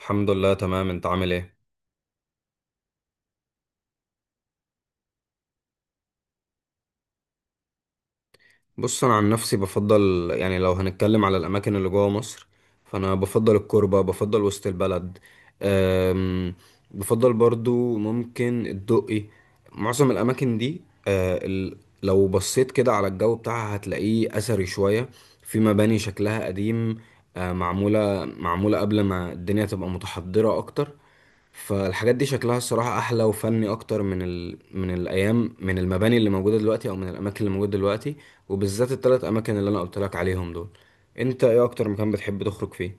الحمد لله، تمام. انت عامل ايه؟ بص، انا عن نفسي بفضل، يعني لو هنتكلم على الاماكن اللي جوه مصر، فانا بفضل الكوربه، بفضل وسط البلد. أم، بفضل برضو ممكن الدقي. معظم الاماكن دي، أه، ال- لو بصيت كده على الجو بتاعها هتلاقيه اثري شويه، في مباني شكلها قديم. معموله قبل ما الدنيا تبقى متحضره اكتر. فالحاجات دي شكلها الصراحة أحلى وفني أكتر من الأيام، من المباني اللي موجودة دلوقتي، أو من الأماكن اللي موجودة دلوقتي، وبالذات التلات اماكن اللي انا قلت لك عليهم دول. انت ايه اكتر مكان بتحب تخرج فيه؟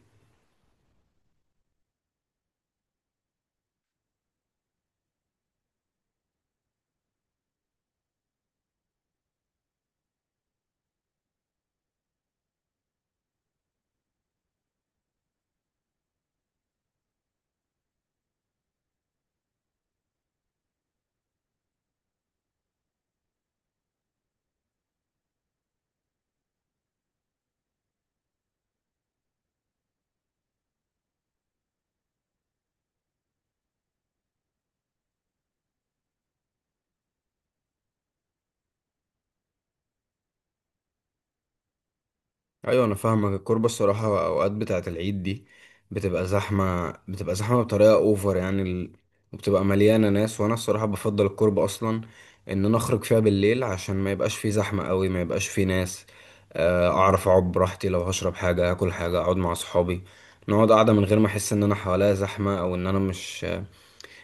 ايوه، انا فاهمك. الكوربه الصراحه اوقات بتاعه العيد دي بتبقى زحمه بطريقه اوفر، وبتبقى مليانه ناس. وانا الصراحه بفضل الكوربه اصلا ان انا اخرج فيها بالليل عشان ما يبقاش فيه زحمه قوي، ما يبقاش فيه ناس، اعرف اقعد براحتي لو هشرب حاجه، اكل حاجه، اقعد مع اصحابي، نقعد قاعده من غير ما احس ان انا حواليا زحمه، او ان انا مش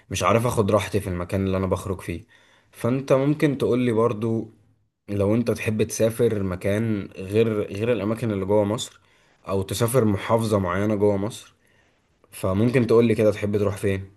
مش عارف اخد راحتي في المكان اللي انا بخرج فيه. فانت ممكن تقولي برضو، لو انت تحب تسافر مكان غير الاماكن اللي جوه مصر، او تسافر محافظة معينة جوه مصر، فممكن تقولي كده تحب تروح فين؟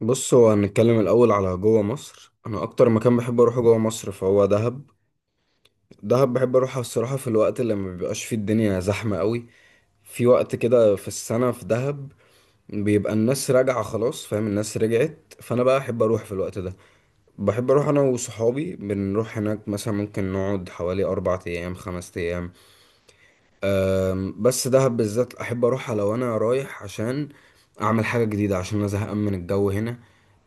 بص، هو هنتكلم الاول على جوه مصر. انا اكتر مكان بحب اروحه جوه مصر فهو دهب. دهب بحب اروحها الصراحة في الوقت اللي ما بيبقاش فيه الدنيا زحمة قوي، في وقت كده في السنة في دهب بيبقى الناس راجعة خلاص، فاهم، الناس رجعت، فانا بقى احب اروح في الوقت ده. بحب اروح انا وصحابي، بنروح هناك مثلا، ممكن نقعد حوالي 4 ايام، 5 ايام. بس دهب بالذات احب اروحها لو انا رايح عشان اعمل حاجه جديده، عشان انا زهقان من الجو هنا.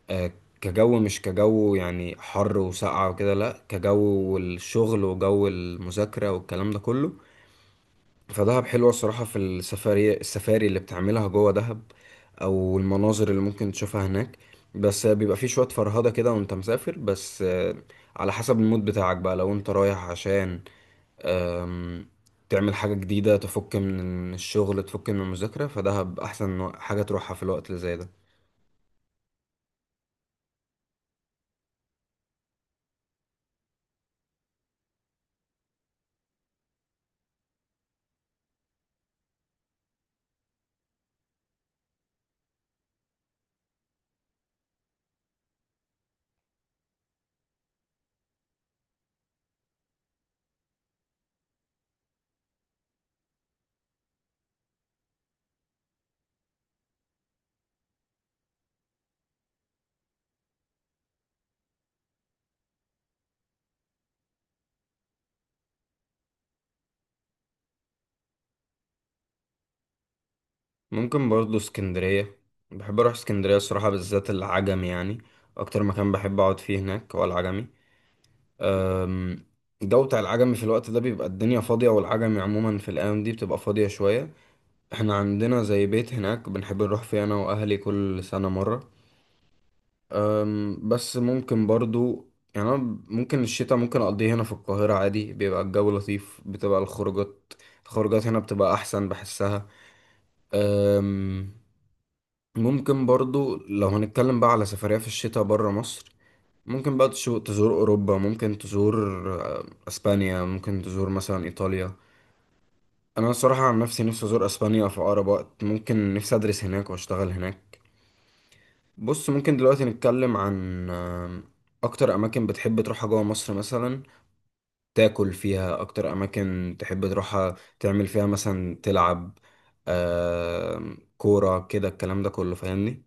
أه، كجو، مش كجو يعني حر وسقعه وكده، لا، كجو والشغل وجو المذاكره والكلام ده كله. فدهب حلوة الصراحة في السفاري اللي بتعملها جوه دهب، أو المناظر اللي ممكن تشوفها هناك. بس بيبقى فيه شوية فرهدة كده وانت مسافر. بس على حسب المود بتاعك بقى، لو انت رايح عشان آم، تعمل حاجة جديدة، تفك من الشغل، تفك من المذاكرة، فدهب أحسن حاجة تروحها في الوقت اللي زي ده. ممكن برضه اسكندرية. بحب أروح اسكندرية الصراحة، بالذات العجمي يعني. أكتر مكان بحب أقعد فيه هناك هو العجمي. الجو بتاع العجمي في الوقت ده بيبقى الدنيا فاضية، والعجمي عموما في الأيام دي بتبقى فاضية شوية. احنا عندنا زي بيت هناك بنحب نروح فيه أنا وأهلي كل سنة مرة. بس ممكن برضو، يعني أنا، ممكن الشتاء ممكن أقضيه هنا في القاهرة عادي، بيبقى الجو لطيف، بتبقى الخروجات. الخروجات هنا بتبقى أحسن، بحسها. أم، ممكن برضو لو هنتكلم بقى على سفرية في الشتاء برا مصر، ممكن بقى تزور أوروبا، ممكن تزور أسبانيا، ممكن تزور مثلا إيطاليا. انا الصراحه عن نفسي، نفسي ازور اسبانيا في اقرب وقت ممكن، نفسي ادرس هناك واشتغل هناك. بص، ممكن دلوقتي نتكلم عن اكتر اماكن بتحب تروحها جوه مصر، مثلا تاكل فيها، اكتر اماكن تحب تروحها تعمل فيها مثلا، تلعب كوره كده، الكلام ده كله، فاهمني؟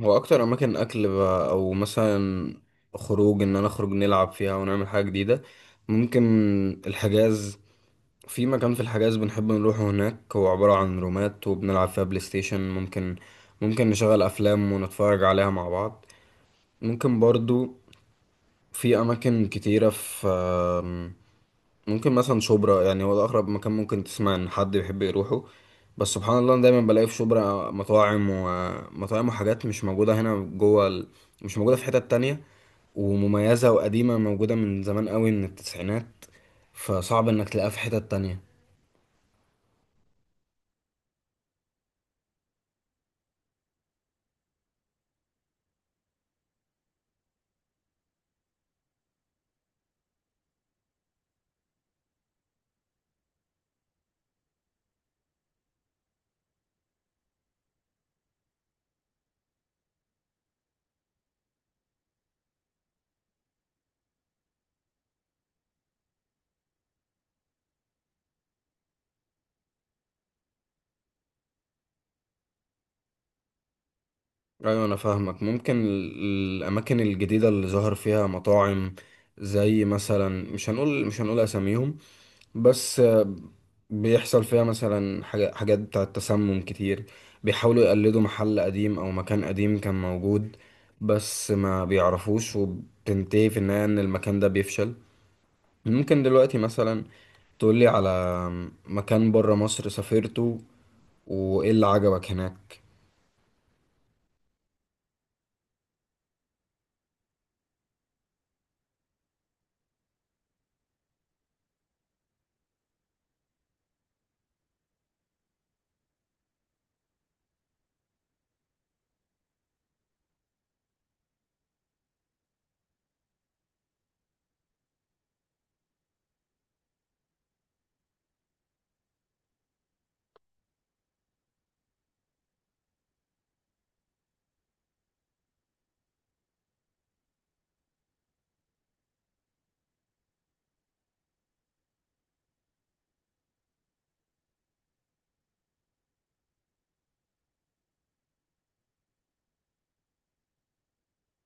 هو اكتر اماكن اكل بقى، او مثلا خروج ان انا اخرج نلعب فيها ونعمل حاجه جديده، ممكن الحجاز. في مكان في الحجاز بنحب نروحه هناك، هو عبارة عن رومات وبنلعب فيها بلاي ستيشن، ممكن نشغل أفلام ونتفرج عليها مع بعض. ممكن برضو في أماكن كتيرة في ممكن مثلا شبرا، يعني هو ده أقرب مكان ممكن تسمع إن حد بيحب يروحه، بس سبحان الله أنا دايما بلاقي في شبرا مطاعم ومطاعم وحاجات مش موجودة هنا مش موجودة في حتت تانية، ومميزة وقديمة، موجودة من زمان قوي، من التسعينات، فصعب إنك تلاقيها في حتت تانية. ايوه، انا فاهمك. ممكن الاماكن الجديده اللي ظهر فيها مطاعم، زي مثلا، مش هنقول اساميهم، بس بيحصل فيها مثلا حاجات بتاعه تسمم كتير. بيحاولوا يقلدوا محل قديم او مكان قديم كان موجود، بس ما بيعرفوش، وبتنتهي في النهايه ان المكان ده بيفشل. ممكن دلوقتي مثلا تقولي على مكان بره مصر سافرته، وايه اللي عجبك هناك؟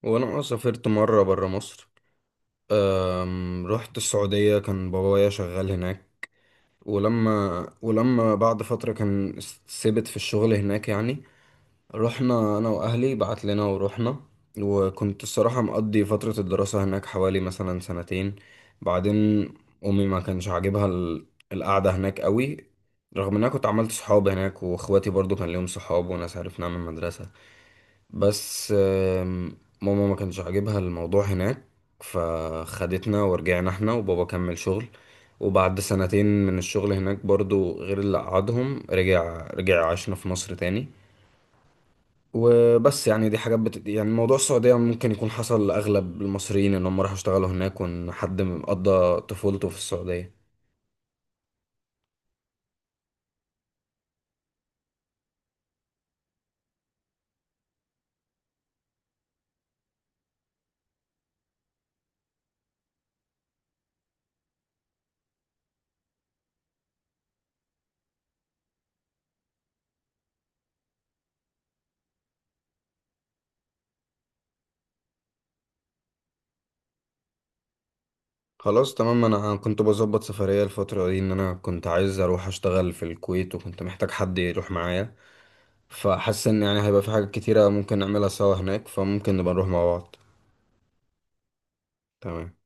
وانا سافرت مره بره مصر. رحت السعودية، كان بابايا شغال هناك، ولما بعد فترة كان ثبت في الشغل هناك يعني، رحنا أنا وأهلي، بعت لنا ورحنا. وكنت الصراحة مقضي فترة الدراسة هناك حوالي مثلا سنتين. بعدين أمي ما كانش عاجبها القعدة هناك قوي، رغم إن أنا كنت عملت صحاب هناك، وإخواتي برضو كان ليهم صحاب وناس عرفناها من المدرسة. بس ماما ما كانش عاجبها الموضوع هناك، فخدتنا ورجعنا احنا، وبابا كمل شغل. وبعد سنتين من الشغل هناك برضو غير اللي قعدهم، رجع عاشنا في مصر تاني. وبس يعني دي حاجات يعني موضوع السعودية ممكن يكون حصل لأغلب المصريين، إن هم راحوا اشتغلوا هناك، وإن حد قضى طفولته في السعودية. خلاص، تمام. أنا كنت بظبط سفرية الفترة دي، إن أنا كنت عايز أروح أشتغل في الكويت، وكنت محتاج حد يروح معايا. فحاسس ان يعني هيبقى في حاجات كتيرة ممكن نعملها سوا هناك، فممكن نبقى نروح مع بعض. تمام.